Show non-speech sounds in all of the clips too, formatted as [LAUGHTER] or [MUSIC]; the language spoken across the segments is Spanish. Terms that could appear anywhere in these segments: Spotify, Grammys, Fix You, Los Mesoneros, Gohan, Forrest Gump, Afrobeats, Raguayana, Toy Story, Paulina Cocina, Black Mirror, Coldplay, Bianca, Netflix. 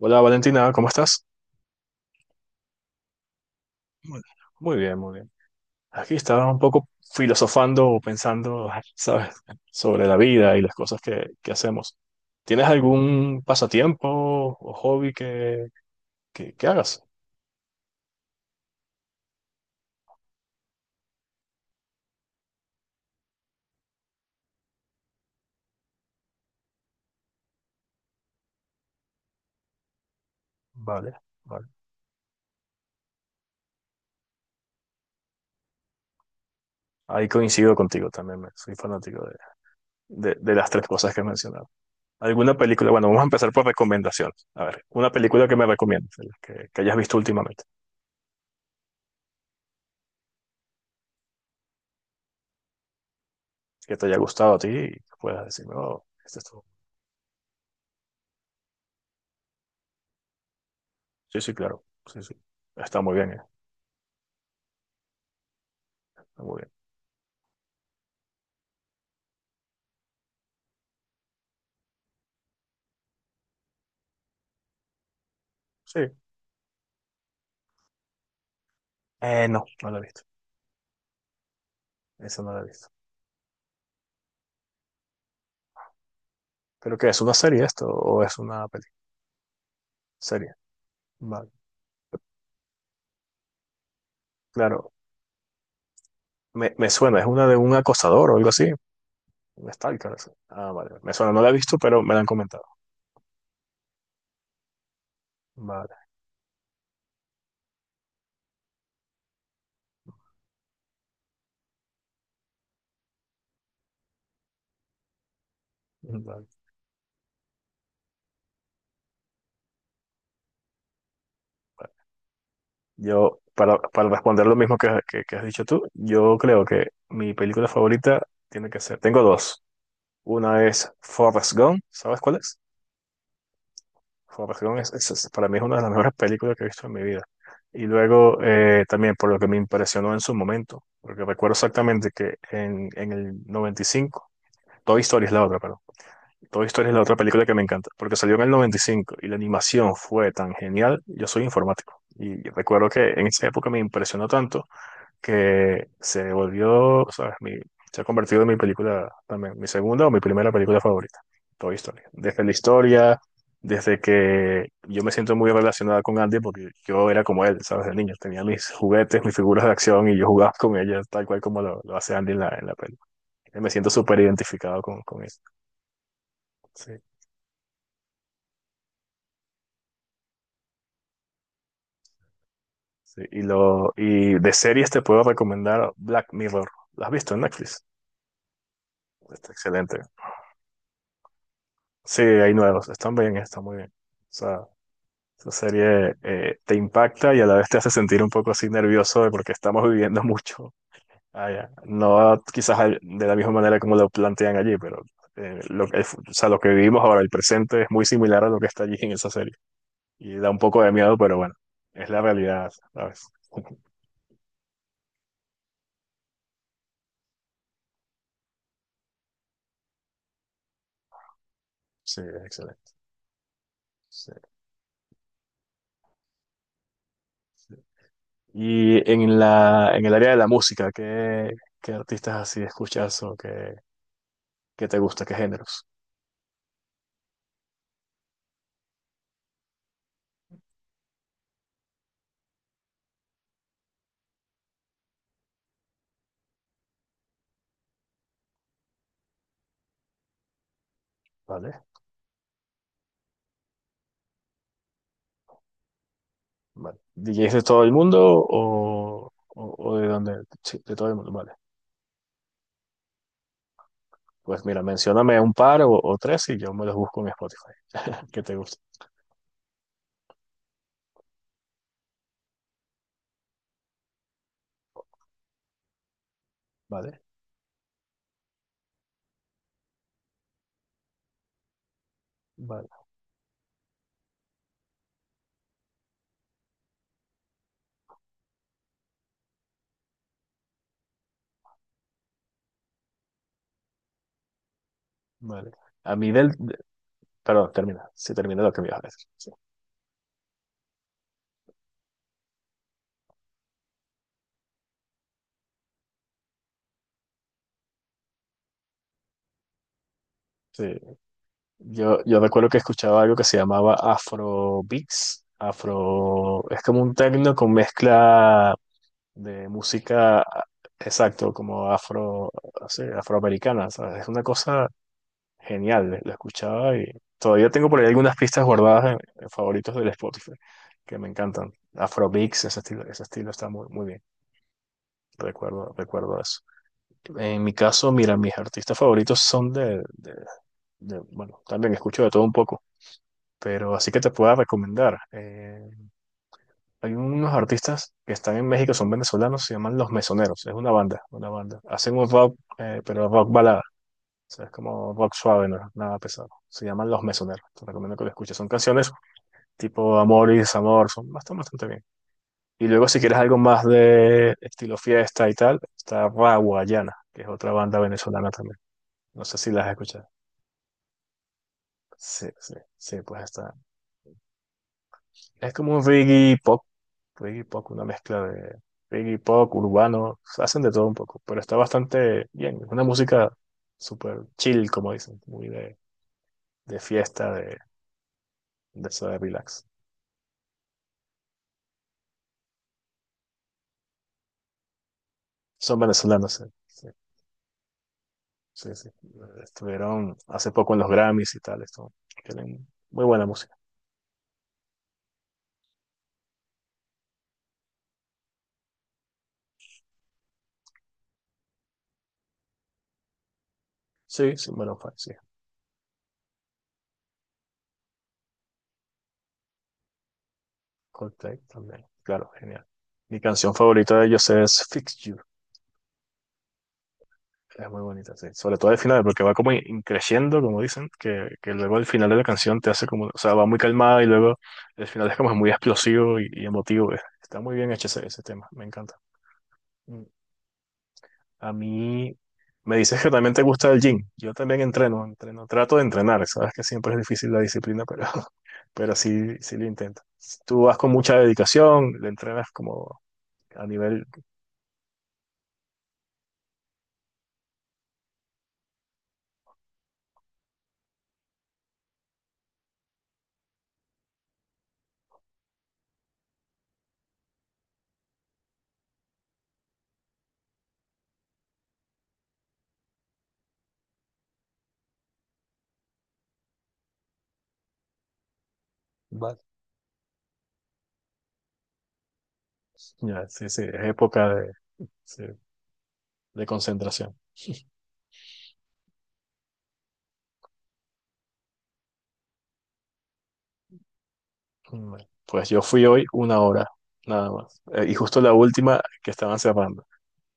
Hola Valentina, ¿cómo estás? Muy muy bien, muy bien. Aquí estaba un poco filosofando o pensando, [LAUGHS] ¿sabes?, sobre la vida y las cosas que hacemos. ¿Tienes algún pasatiempo o hobby que hagas? Vale, vale. Ahí coincido contigo también, soy fanático de las tres cosas que he mencionado. ¿Alguna película? Bueno, vamos a empezar por recomendaciones. A ver, una película que me recomiendes, de las que hayas visto últimamente, que te haya gustado a ti y que puedas decirme, oh, esto. Sí, sí, claro. Sí, sí. Está muy bien, eh. Está muy bien. Sí. No, no la he visto. Esa no la he visto. ¿Pero qué? ¿Es una serie esto o es una película? Serie. Vale. Claro. Me suena. Es una de un acosador o algo así. Un stalker. Así. Ah, vale. Vale. Me suena. No la he visto, pero me la han comentado. Vale. Vale. Vale. Yo, para responder lo mismo que, que has dicho tú, yo creo que mi película favorita tiene que ser. Tengo dos. Una es Forrest Gump. ¿Sabes cuál es? Forrest Gump para mí es una de las mejores películas que he visto en mi vida. Y luego también por lo que me impresionó en su momento, porque recuerdo exactamente que en el 95 Toy Story es la otra, perdón. Toy Story es la otra película que me encanta, porque salió en el 95 y la animación fue tan genial. Yo soy informático y recuerdo que en esa época me impresionó tanto que se volvió, o sea, se ha convertido en mi película también, mi segunda o mi primera película favorita, Toy Story. Desde la historia, desde que yo me siento muy relacionada con Andy porque yo era como él, ¿sabes? De niño, tenía mis juguetes, mis figuras de acción y yo jugaba con ellas tal cual como lo hace Andy en la peli. Me siento súper identificado con eso. Sí, sí. Y, de series te puedo recomendar Black Mirror. ¿Lo has visto en Netflix? Está excelente. Sí, hay nuevos. Están bien, están muy bien. O sea, esa serie te impacta y a la vez te hace sentir un poco así nervioso de porque estamos [LAUGHS] viviendo mucho allá. No quizás de la misma manera como lo plantean allí, pero o sea, lo que vivimos ahora, el presente, es muy similar a lo que está allí en esa serie. Y da un poco de miedo, pero bueno, es la realidad, ¿sabes? [LAUGHS] Sí, es excelente. Sí, sí. Y en la, en el área de la música, ¿qué, qué artistas así escuchas o qué, qué te gusta, qué géneros? ¿Vale? Vale. ¿DJs de todo el mundo o, o de dónde? Sí, de todo el mundo, vale. Pues mira, mencióname un par o tres y yo me los busco en Spotify. [LAUGHS] Que te guste. Vale, vale, vale. A mí perdón, termina. Sí, termina lo que me ibas a decir. Sí. Sí. Yo recuerdo que escuchaba algo que se llamaba Afro Beats. Afro... Es como un techno con mezcla de música... Exacto, como afro, sí, afroamericana, ¿sabes? Es una cosa genial, la escuchaba y todavía tengo por ahí algunas pistas guardadas en favoritos del Spotify que me encantan. Afrobeats, ese estilo está muy, muy bien. Recuerdo, recuerdo eso. En mi caso, mira, mis artistas favoritos son bueno, también escucho de todo un poco, pero así que te puedo recomendar. Hay unos artistas que están en México, son venezolanos, se llaman Los Mesoneros. Es una banda. Hacen un rock, pero rock balada. O sea, es como rock suave, no es nada pesado. Se llaman Los Mesoneros. Te recomiendo que lo escuches. Son canciones tipo amor y desamor. Son bastante, bastante bien. Y luego, si quieres algo más de estilo fiesta y tal, está Raguayana, que es otra banda venezolana también. No sé si las has escuchado. Sí, sí, sí, pues está. Es como un reggae pop, una mezcla de reggae pop, urbano. Hacen de todo un poco, pero está bastante bien. Es una música súper chill, como dicen, muy de fiesta, de eso de relax. Son venezolanos, sí, sí, sí. Estuvieron hace poco en los Grammys y tal, esto. Tienen muy buena música. Sí, sí, bueno, sí. Coldplay también. Claro, genial. Mi canción favorita de ellos es Fix You. Es muy bonita, sí. Sobre todo al final, porque va como in creciendo, como dicen, que luego al final de la canción te hace como, o sea, va muy calmada y luego el final es como muy explosivo y emotivo. Eh. Está muy bien hecho ese, ese tema, me encanta. Mm. A mí me dices que también te gusta el gym. Yo también entreno, trato de entrenar. Sabes que siempre es difícil la disciplina, pero, [LAUGHS] pero sí, sí lo intento. Tú vas con mucha dedicación, le entrenas como a nivel... Vale. Ya, sí, sí, es época sí, de concentración. Bueno, pues yo fui hoy una hora, nada más. Y justo la última que estaban cerrando.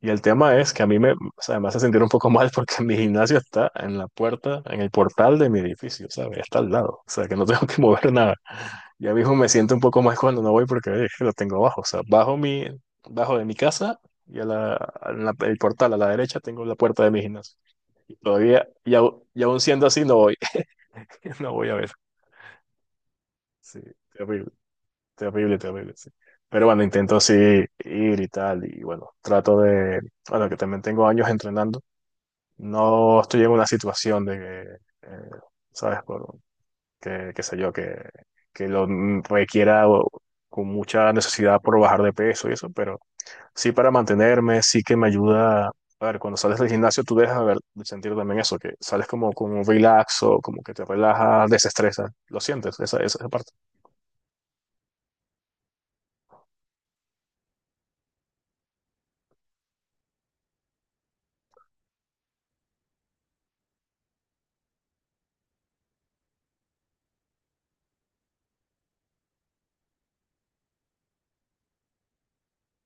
Y el tema es que a mí me, o sea, me hace sentir un poco [LAUGHS] mal porque mi gimnasio está en la puerta, en el portal de mi edificio, ¿sabes? Está al lado, o sea, que no [LAUGHS] tengo que mover nada. Ya mismo me siento un poco mal cuando no voy porque lo tengo abajo, o sea, bajo mi, bajo de mi casa y a el portal a la derecha tengo la puerta de mi gimnasio. Y todavía, aún siendo así, no voy, [LAUGHS] no voy a ver. Sí, terrible, terrible, terrible, sí. Pero bueno, intento así ir y tal, y bueno, bueno, que también tengo años entrenando. No estoy en una situación de que, ¿sabes? Por, que, qué sé yo, que lo requiera con mucha necesidad por bajar de peso y eso, pero sí para mantenerme, sí que me ayuda. A ver, cuando sales del gimnasio, tú dejas de ver, de sentir también eso, que sales como con un relax o como que te relajas, desestresa. Lo sientes, esa, esa parte.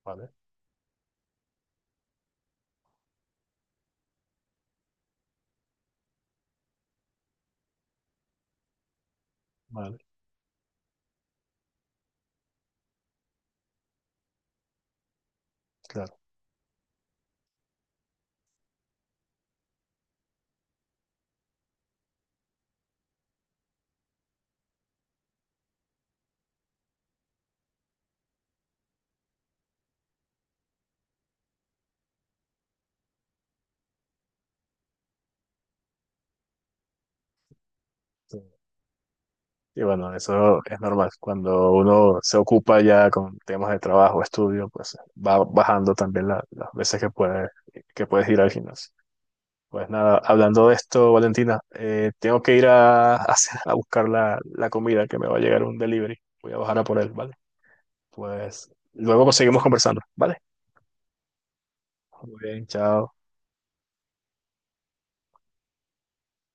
Vale, vale, claro. Sí. Y bueno, eso es normal. Cuando uno se ocupa ya con temas de trabajo, estudio, pues va bajando también las veces que puedes ir al gimnasio. Pues nada, hablando de esto, Valentina, tengo que ir a, [LAUGHS] a buscar la, la comida que me va a llegar un delivery. Voy a bajar a por él, ¿vale? Pues luego seguimos conversando, ¿vale? Muy bien, chao.